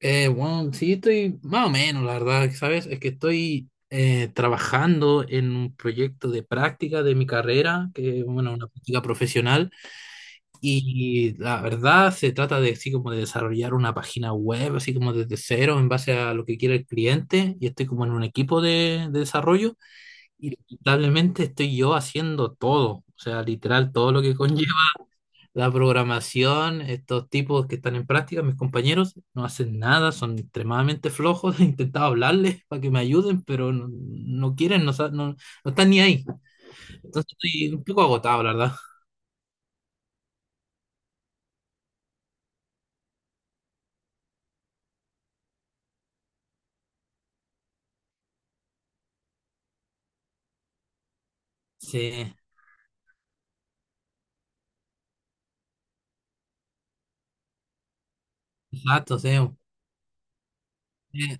Bueno, sí, estoy más o menos, la verdad, ¿sabes? Es que estoy trabajando en un proyecto de práctica de mi carrera, que bueno, una práctica profesional, y la verdad se trata de así como de desarrollar una página web, así como desde cero, en base a lo que quiere el cliente, y estoy como en un equipo de desarrollo, y lamentablemente estoy yo haciendo todo, o sea, literal, todo lo que conlleva. La programación, estos tipos que están en práctica, mis compañeros, no hacen nada, son extremadamente flojos. He intentado hablarles para que me ayuden, pero no, no quieren, no, no, no están ni ahí. Entonces estoy un poco agotado, la verdad. Sí, exacto, sí. Eh,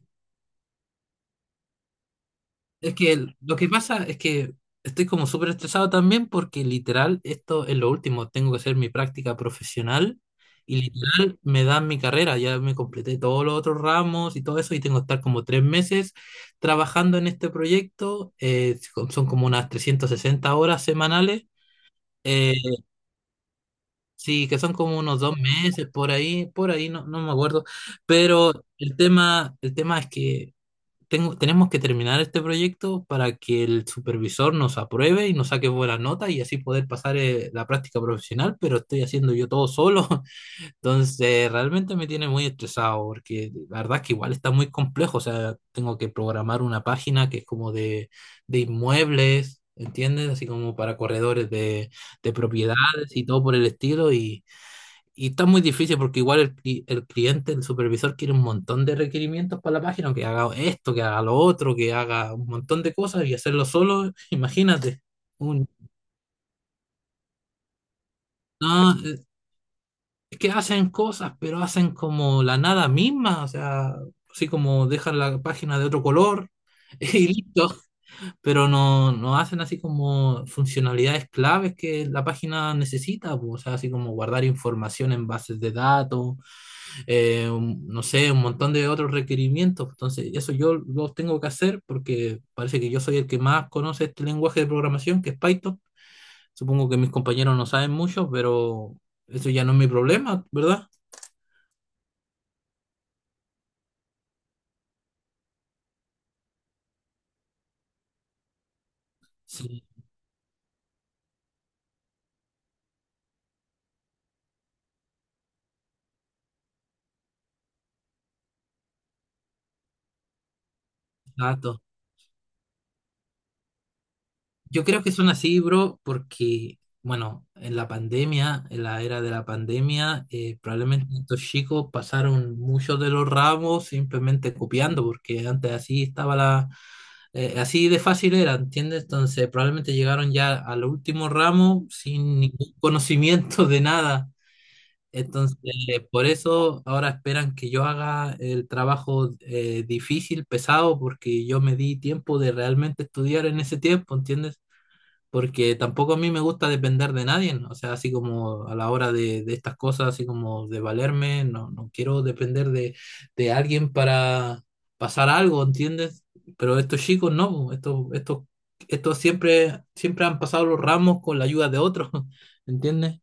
Es que lo que pasa es que estoy como súper estresado también porque literal esto es lo último. Tengo que hacer mi práctica profesional y literal me dan mi carrera. Ya me completé todos los otros ramos y todo eso y tengo que estar como 3 meses trabajando en este proyecto. Son como unas 360 horas semanales. eh, sí, que son como unos 2 meses por ahí, no, no me acuerdo. Pero el tema, es que tengo, tenemos que terminar este proyecto para que el supervisor nos apruebe y nos saque buena nota y así poder pasar la práctica profesional, pero estoy haciendo yo todo solo. Entonces, realmente me tiene muy estresado porque la verdad es que igual está muy complejo. O sea, tengo que programar una página que es como de inmuebles, ¿entiendes? Así como para corredores de propiedades y todo por el estilo y... Y está muy difícil porque igual el cliente, el supervisor quiere un montón de requerimientos para la página, que haga esto, que haga lo otro, que haga un montón de cosas y hacerlo solo, imagínate. Un- no, es que hacen cosas, pero hacen como la nada misma, o sea, así como dejan la página de otro color y listo, pero no, no hacen así como funcionalidades claves que la página necesita, pues, o sea, así como guardar información en bases de datos no sé, un montón de otros requerimientos. Entonces, eso yo los tengo que hacer porque parece que yo soy el que más conoce este lenguaje de programación, que es Python. Supongo que mis compañeros no saben mucho, pero eso ya no es mi problema, ¿verdad? Sí, exacto. Yo creo que son así, bro, porque, bueno, en la pandemia, en la era de la pandemia, probablemente estos chicos pasaron muchos de los ramos simplemente copiando, porque antes así estaba la, así de fácil era, ¿entiendes? Entonces probablemente llegaron ya al último ramo sin ningún conocimiento de nada. Entonces, por eso ahora esperan que yo haga el trabajo difícil, pesado, porque yo me di tiempo de realmente estudiar en ese tiempo, ¿entiendes? Porque tampoco a mí me gusta depender de nadie, ¿no? O sea, así como a la hora de estas cosas, así como de valerme, no, no quiero depender de alguien para pasar algo, ¿entiendes? Pero estos chicos no, po, estos siempre han pasado los ramos con la ayuda de otros, ¿entiendes?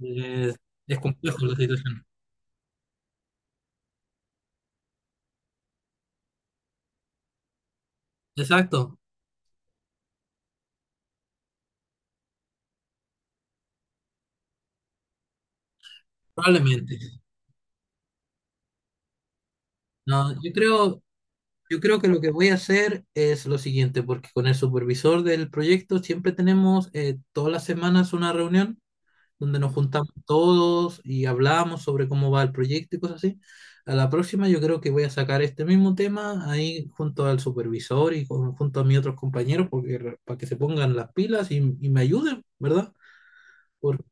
Es, es complejo la situación. Exacto, probablemente. No, yo creo que lo que voy a hacer es lo siguiente, porque con el supervisor del proyecto siempre tenemos todas las semanas una reunión donde nos juntamos todos y hablamos sobre cómo va el proyecto y cosas así. A la próxima yo creo que voy a sacar este mismo tema ahí junto al supervisor junto a mis otros compañeros porque, para que se pongan las pilas y me ayuden, ¿verdad? Por-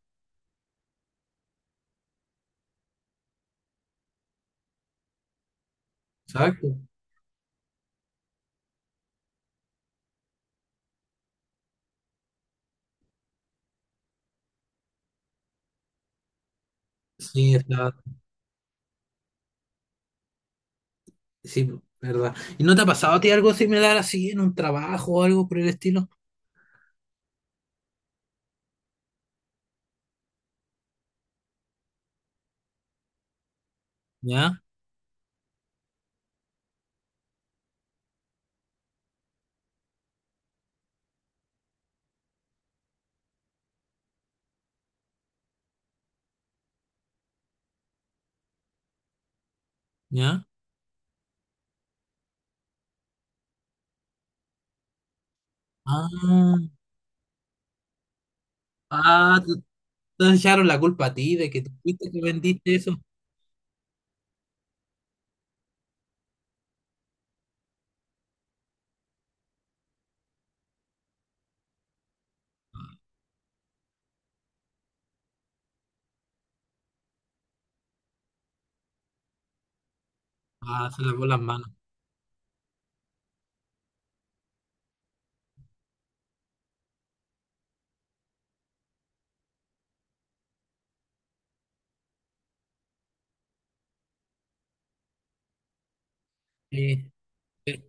exacto. Sí, está, sí, ¿verdad? ¿Y no te ha pasado a ti algo similar así en un trabajo o algo por el estilo? ¿Ya? ¿Ya? Ah, ah, te echaron la culpa a ti de que tú fuiste que vendiste eso. Ah, se lavó las manos. Sí, sí,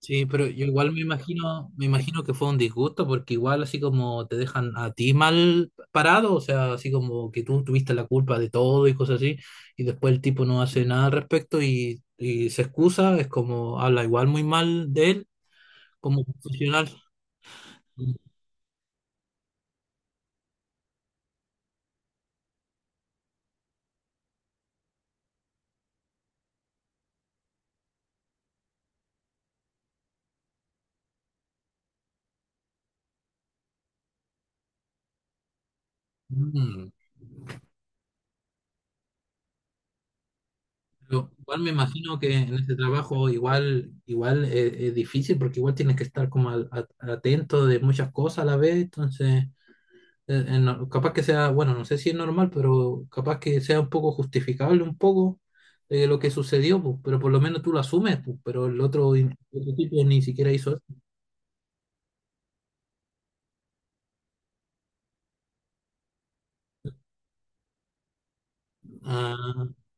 sí, pero yo igual me imagino que fue un disgusto porque igual así como te dejan a ti mal parado, o sea, así como que tú tuviste la culpa de todo y cosas así, y después el tipo no hace nada al respecto y se excusa, es como habla igual muy mal de él como profesional. Mm, Pero igual me imagino que en ese trabajo igual, es, difícil porque igual tienes que estar como atento de muchas cosas a la vez, entonces capaz que sea, bueno, no sé si es normal, pero capaz que sea un poco justificable un poco de lo que sucedió, pues, pero por lo menos tú lo asumes, pues, pero el otro, el otro tipo ni siquiera hizo eso. Ah,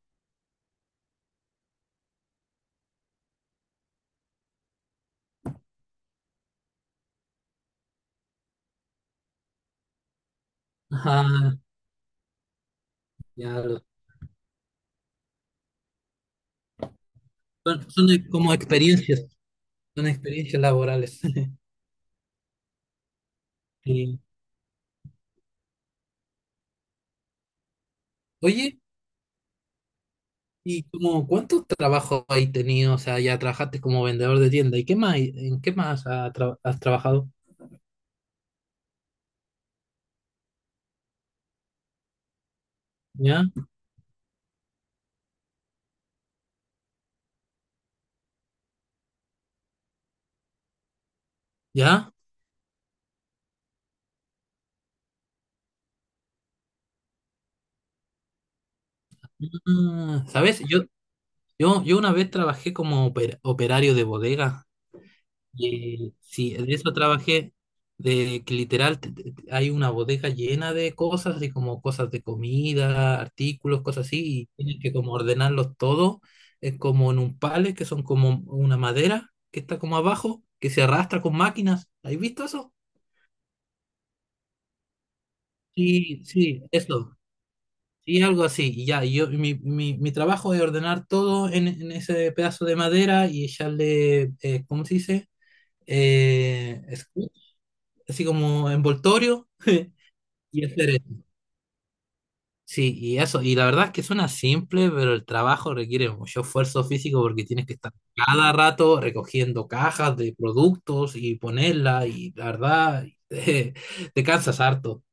ajá, ya lo- son, como experiencias, son experiencias laborales. Sí. Oye, ¿y como cuántos trabajos has tenido? O sea, ya trabajaste como vendedor de tienda. ¿Y qué más? ¿En qué más has trabajado? ¿Ya? ¿Ya? Ah, ¿sabes? Yo una vez trabajé como operario de bodega. Y sí, de eso trabajé, de que literal hay una bodega llena de cosas, así como cosas de comida, artículos, cosas así, y tienes que como ordenarlos todo, es como en un pallet, que son como una madera que está como abajo, que se arrastra con máquinas. ¿Has visto eso? Sí, sí, eso. Sí, algo así. Y ya, y yo, mi trabajo es ordenar todo en, ese pedazo de madera y echarle, ¿cómo se dice? Eh, Así como envoltorio y hacer eso. Sí, y eso, y la verdad es que suena simple, pero el trabajo requiere mucho esfuerzo físico porque tienes que estar cada rato recogiendo cajas de productos y ponerla, y la verdad, te, cansas harto.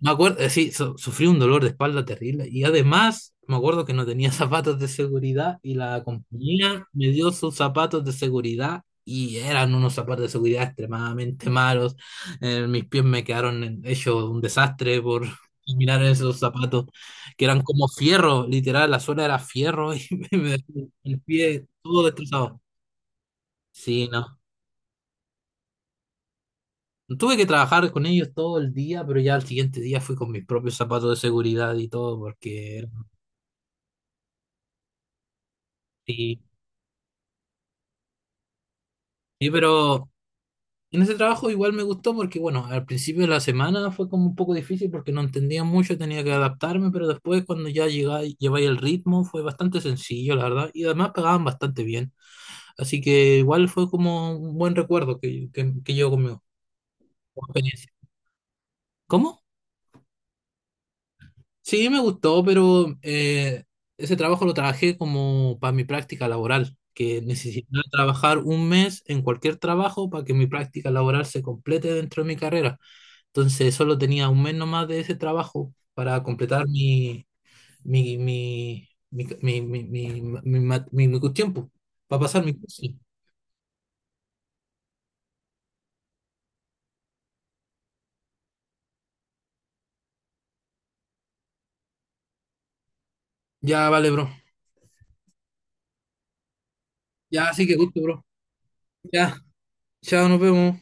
Me acuerdo, sí, sufrí un dolor de espalda terrible y además me acuerdo que no tenía zapatos de seguridad y la compañía me dio sus zapatos de seguridad y eran unos zapatos de seguridad extremadamente malos. Mis pies me quedaron hechos un desastre por mirar esos zapatos que eran como fierro, literal, la suela era fierro y me, dejó el pie todo destrozado. Sí, no. Tuve que trabajar con ellos todo el día, pero ya al siguiente día fui con mis propios zapatos de seguridad y todo, porque sí, sí, pero en ese trabajo igual me gustó porque, bueno, al principio de la semana fue como un poco difícil porque no entendía mucho, tenía que adaptarme, pero después cuando ya llegáis, lleváis el ritmo fue bastante sencillo, la verdad, y además pagaban bastante bien. Así que igual fue como un buen recuerdo que, llevo conmigo, como experiencia. ¿Cómo? Sí, me gustó, pero ese trabajo lo trabajé como para mi práctica laboral, que necesitaba trabajar un mes en cualquier trabajo para que mi práctica laboral se complete dentro de mi carrera. Entonces solo tenía un mes nomás de ese trabajo para completar mi, mi, mi, mi, mi, mi, mi, mi ma- mi- mi cuestión, pues, para pasar mi curso. Ya, vale, bro. Ya, así que gusto, bro. Ya, chao, nos vemos.